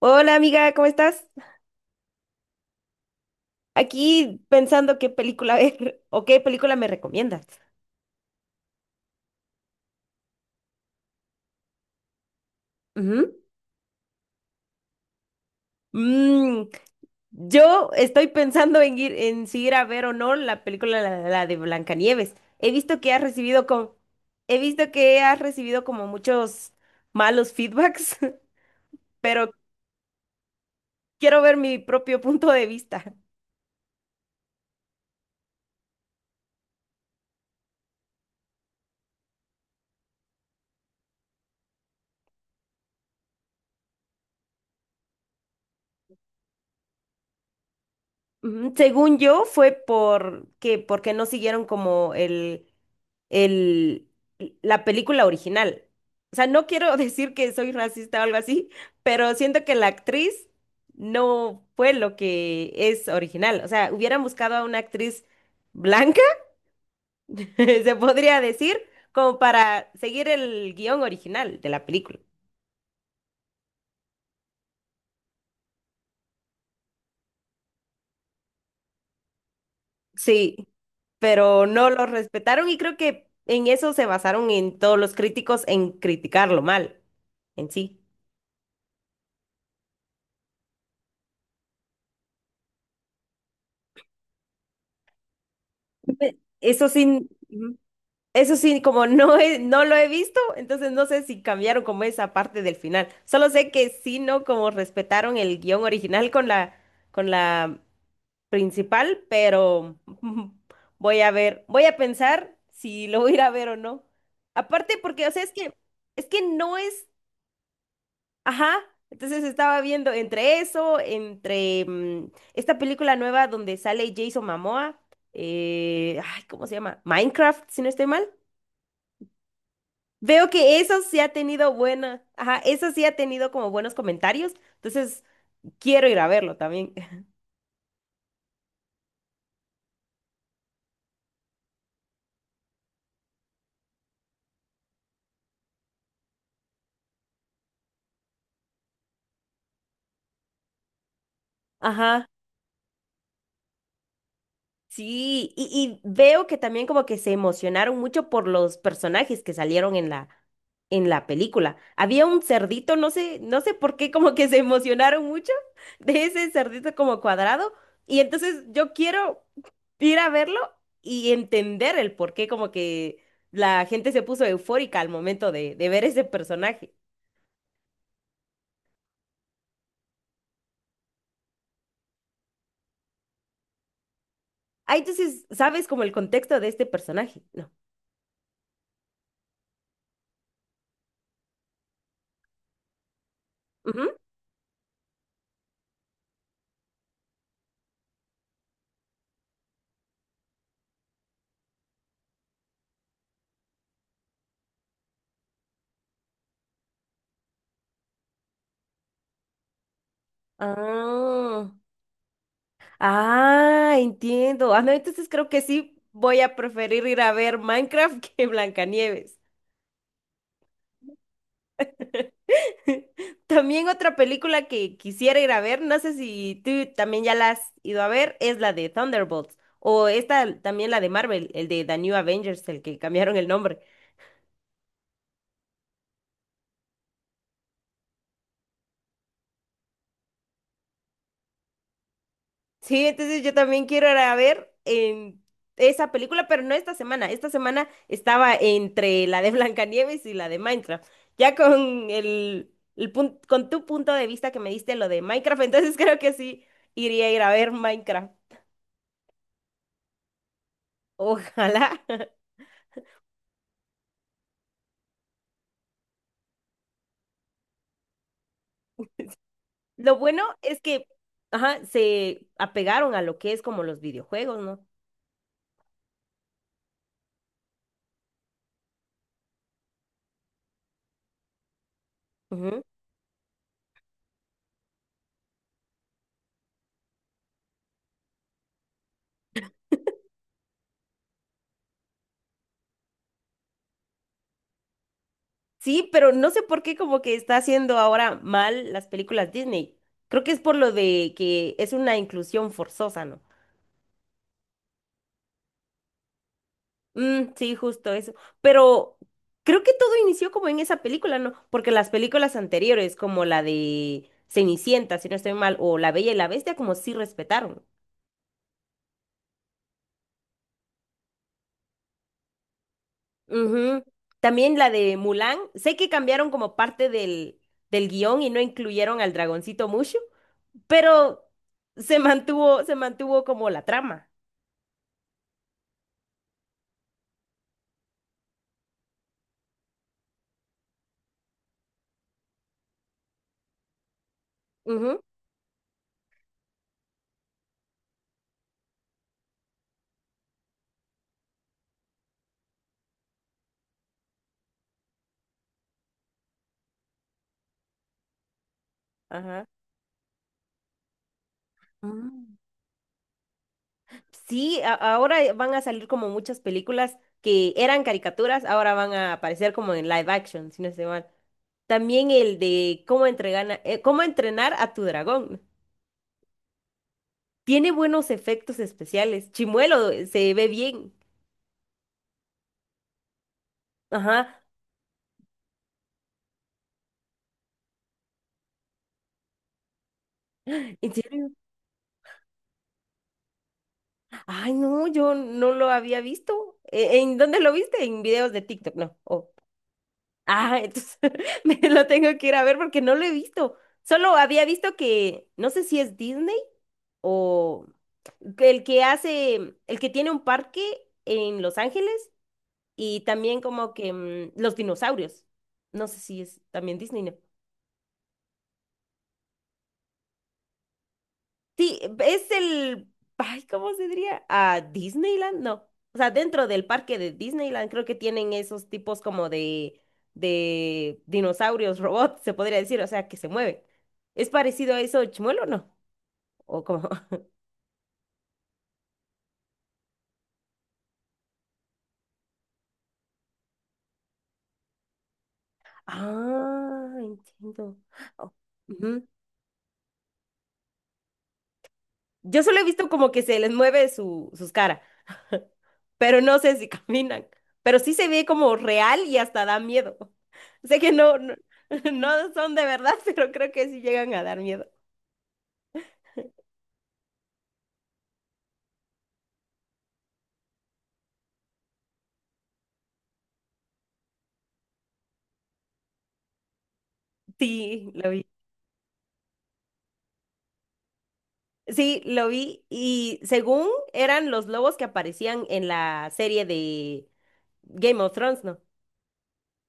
Hola amiga, ¿cómo estás? Aquí pensando qué película ver o qué película me recomiendas. Ujú. Mm, yo estoy pensando en si ir a ver o no la película la de Blancanieves. He visto que has recibido como, he visto que has recibido como muchos malos feedbacks, pero quiero ver mi propio punto de vista. Ujú, según yo, fue porque no siguieron como el, la película original. O sea, no quiero decir que soy racista o algo así, pero siento que la actriz no fue lo que es original. O sea, hubieran buscado a una actriz blanca, se podría decir, como para seguir el guión original de la película. Sí, pero no lo respetaron y creo que en eso se basaron en todos los críticos en criticarlo mal en sí. Eso sí. Ujú. Eso sí, como no lo he visto, entonces no sé si cambiaron como esa parte del final. Solo sé que sí, no como respetaron el guión original con la principal, pero voy a ver, voy a pensar si lo voy a ir a ver o no. Aparte porque, o sea, es que no es, ajá. Entonces estaba viendo entre eso, esta película nueva donde sale Jason Momoa, ay, ¿cómo se llama? Minecraft, si no estoy mal. Veo que eso sí ha tenido ajá, eso sí ha tenido como buenos comentarios, entonces quiero ir a verlo también. Ajá, sí, y veo que también como que se emocionaron mucho por los personajes que salieron en la película. Había un cerdito, no sé por qué como que se emocionaron mucho de ese cerdito como cuadrado, y entonces yo quiero ir a verlo y entender el por qué como que la gente se puso eufórica al momento de ver ese personaje. Ah, entonces, ¿sabes como el contexto de este personaje? No. Ujú. Ah, ah, entiendo. Ah, no, entonces creo que sí voy a preferir ir a ver Minecraft que Blancanieves. También otra película que quisiera ir a ver, no sé si tú también ya la has ido a ver, es la de Thunderbolts. O esta también la de Marvel, el de The New Avengers, el que cambiaron el nombre. Sí, entonces yo también quiero ir a ver en esa película, pero no esta semana. Esta semana estaba entre la de Blancanieves y la de Minecraft. Ya con con tu punto de vista que me diste lo de Minecraft, entonces creo que sí iría a ir a ver Minecraft. Ojalá. Lo bueno es que, ajá, se apegaron a lo que es como los videojuegos, ¿no? Ujú. Sí, pero no sé por qué como que está haciendo ahora mal las películas Disney. Creo que es por lo de que es una inclusión forzosa, ¿no? Mm, sí, justo eso. Pero creo que todo inició como en esa película, ¿no? Porque las películas anteriores, como la de Cenicienta, si no estoy mal, o La Bella y la Bestia, como sí respetaron. Ujú. También la de Mulan. Sé que cambiaron como parte del guión y no incluyeron al dragoncito Mushu, pero se mantuvo como la trama. Ujú. Ajá. Ah. Sí, ahora van a salir como muchas películas que eran caricaturas, ahora van a aparecer como en live action, si no estoy mal. También el de cómo entrenar a tu dragón. Tiene buenos efectos especiales. Chimuelo se ve bien. Ajá. ¿En serio? Ay, no, yo no lo había visto. ¿En dónde lo viste? En videos de TikTok, no. Ah, entonces me lo tengo que ir a ver porque no lo he visto. Solo había visto que, no sé si es Disney o que el que hace, el que tiene un parque en Los Ángeles y también como que los dinosaurios. No sé si es también Disney, ¿no? Sí, es el, ay, ¿cómo se diría? ¿A Disneyland? No. O sea, dentro del parque de Disneyland creo que tienen esos tipos como de dinosaurios, robots, se podría decir, o sea, que se mueven. ¿Es parecido a eso, Chimuelo o no? O como, ah, entiendo. Oh, ujú. Yo solo he visto como que se les mueve sus caras, pero no sé si caminan. Pero sí se ve como real y hasta da miedo. Sé que no, no, no son de verdad, pero creo que sí llegan a dar miedo. Sí, lo vi. Sí, lo vi. Y según eran los lobos que aparecían en la serie de Game of Thrones, ¿no?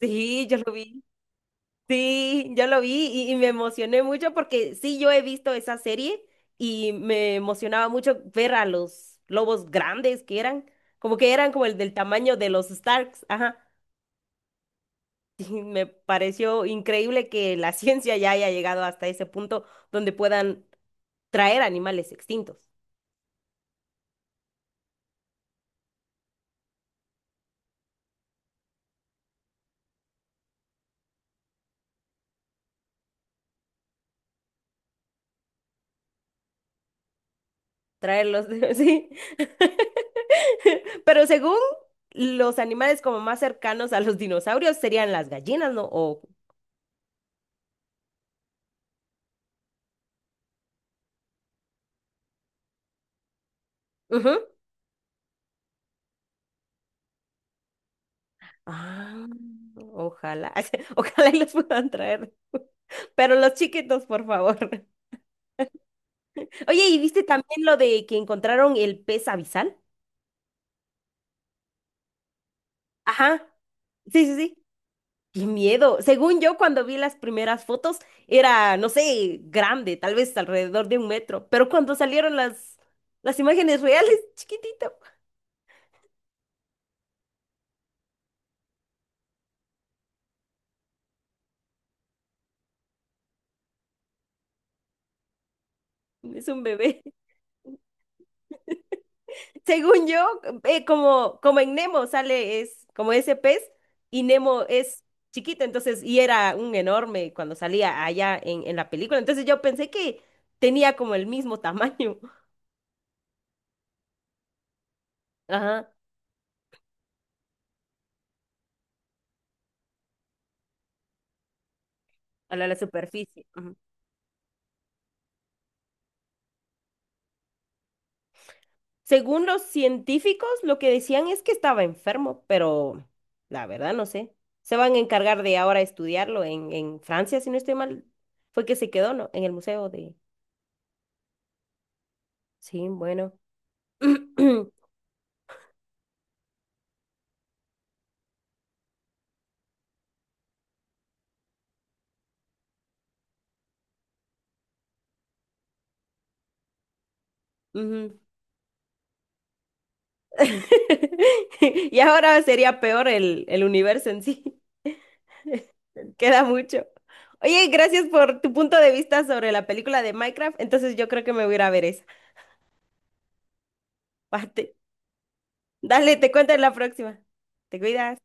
Sí, yo lo vi. Sí, yo lo vi y me emocioné mucho porque sí, yo he visto esa serie y me emocionaba mucho ver a los lobos grandes como que eran como el del tamaño de los Starks, ajá. Y me pareció increíble que la ciencia ya haya llegado hasta ese punto donde puedan traer animales extintos, traerlos, sí. Pero según los animales como más cercanos a los dinosaurios serían las gallinas, ¿no? O, ah, ojalá, ojalá y los puedan traer. Pero los chiquitos, por favor. Oye, ¿y viste también lo de que encontraron el pez abisal? Ajá, sí, sí, sí. Qué miedo. Según yo, cuando vi las primeras fotos, era, no sé, grande, tal vez alrededor de 1 metro. Pero cuando salieron las imágenes reales, chiquitito, es un bebé. Según yo, como en Nemo sale, es como ese pez, y Nemo es chiquito, entonces, y era un enorme cuando salía allá en la película. Entonces yo pensé que tenía como el mismo tamaño. Ajá, a la superficie. Ujú. Según los científicos, lo que decían es que estaba enfermo, pero la verdad no sé. Se van a encargar de ahora estudiarlo en Francia, si no estoy mal. Fue que se quedó, ¿no? En el museo de. Sí, bueno. Ujú. Y ahora sería peor el universo en sí. Queda mucho. Oye, gracias por tu punto de vista sobre la película de Minecraft. Entonces yo creo que me voy a ir a ver esa parte. Dale, te cuento en la próxima. Te cuidas.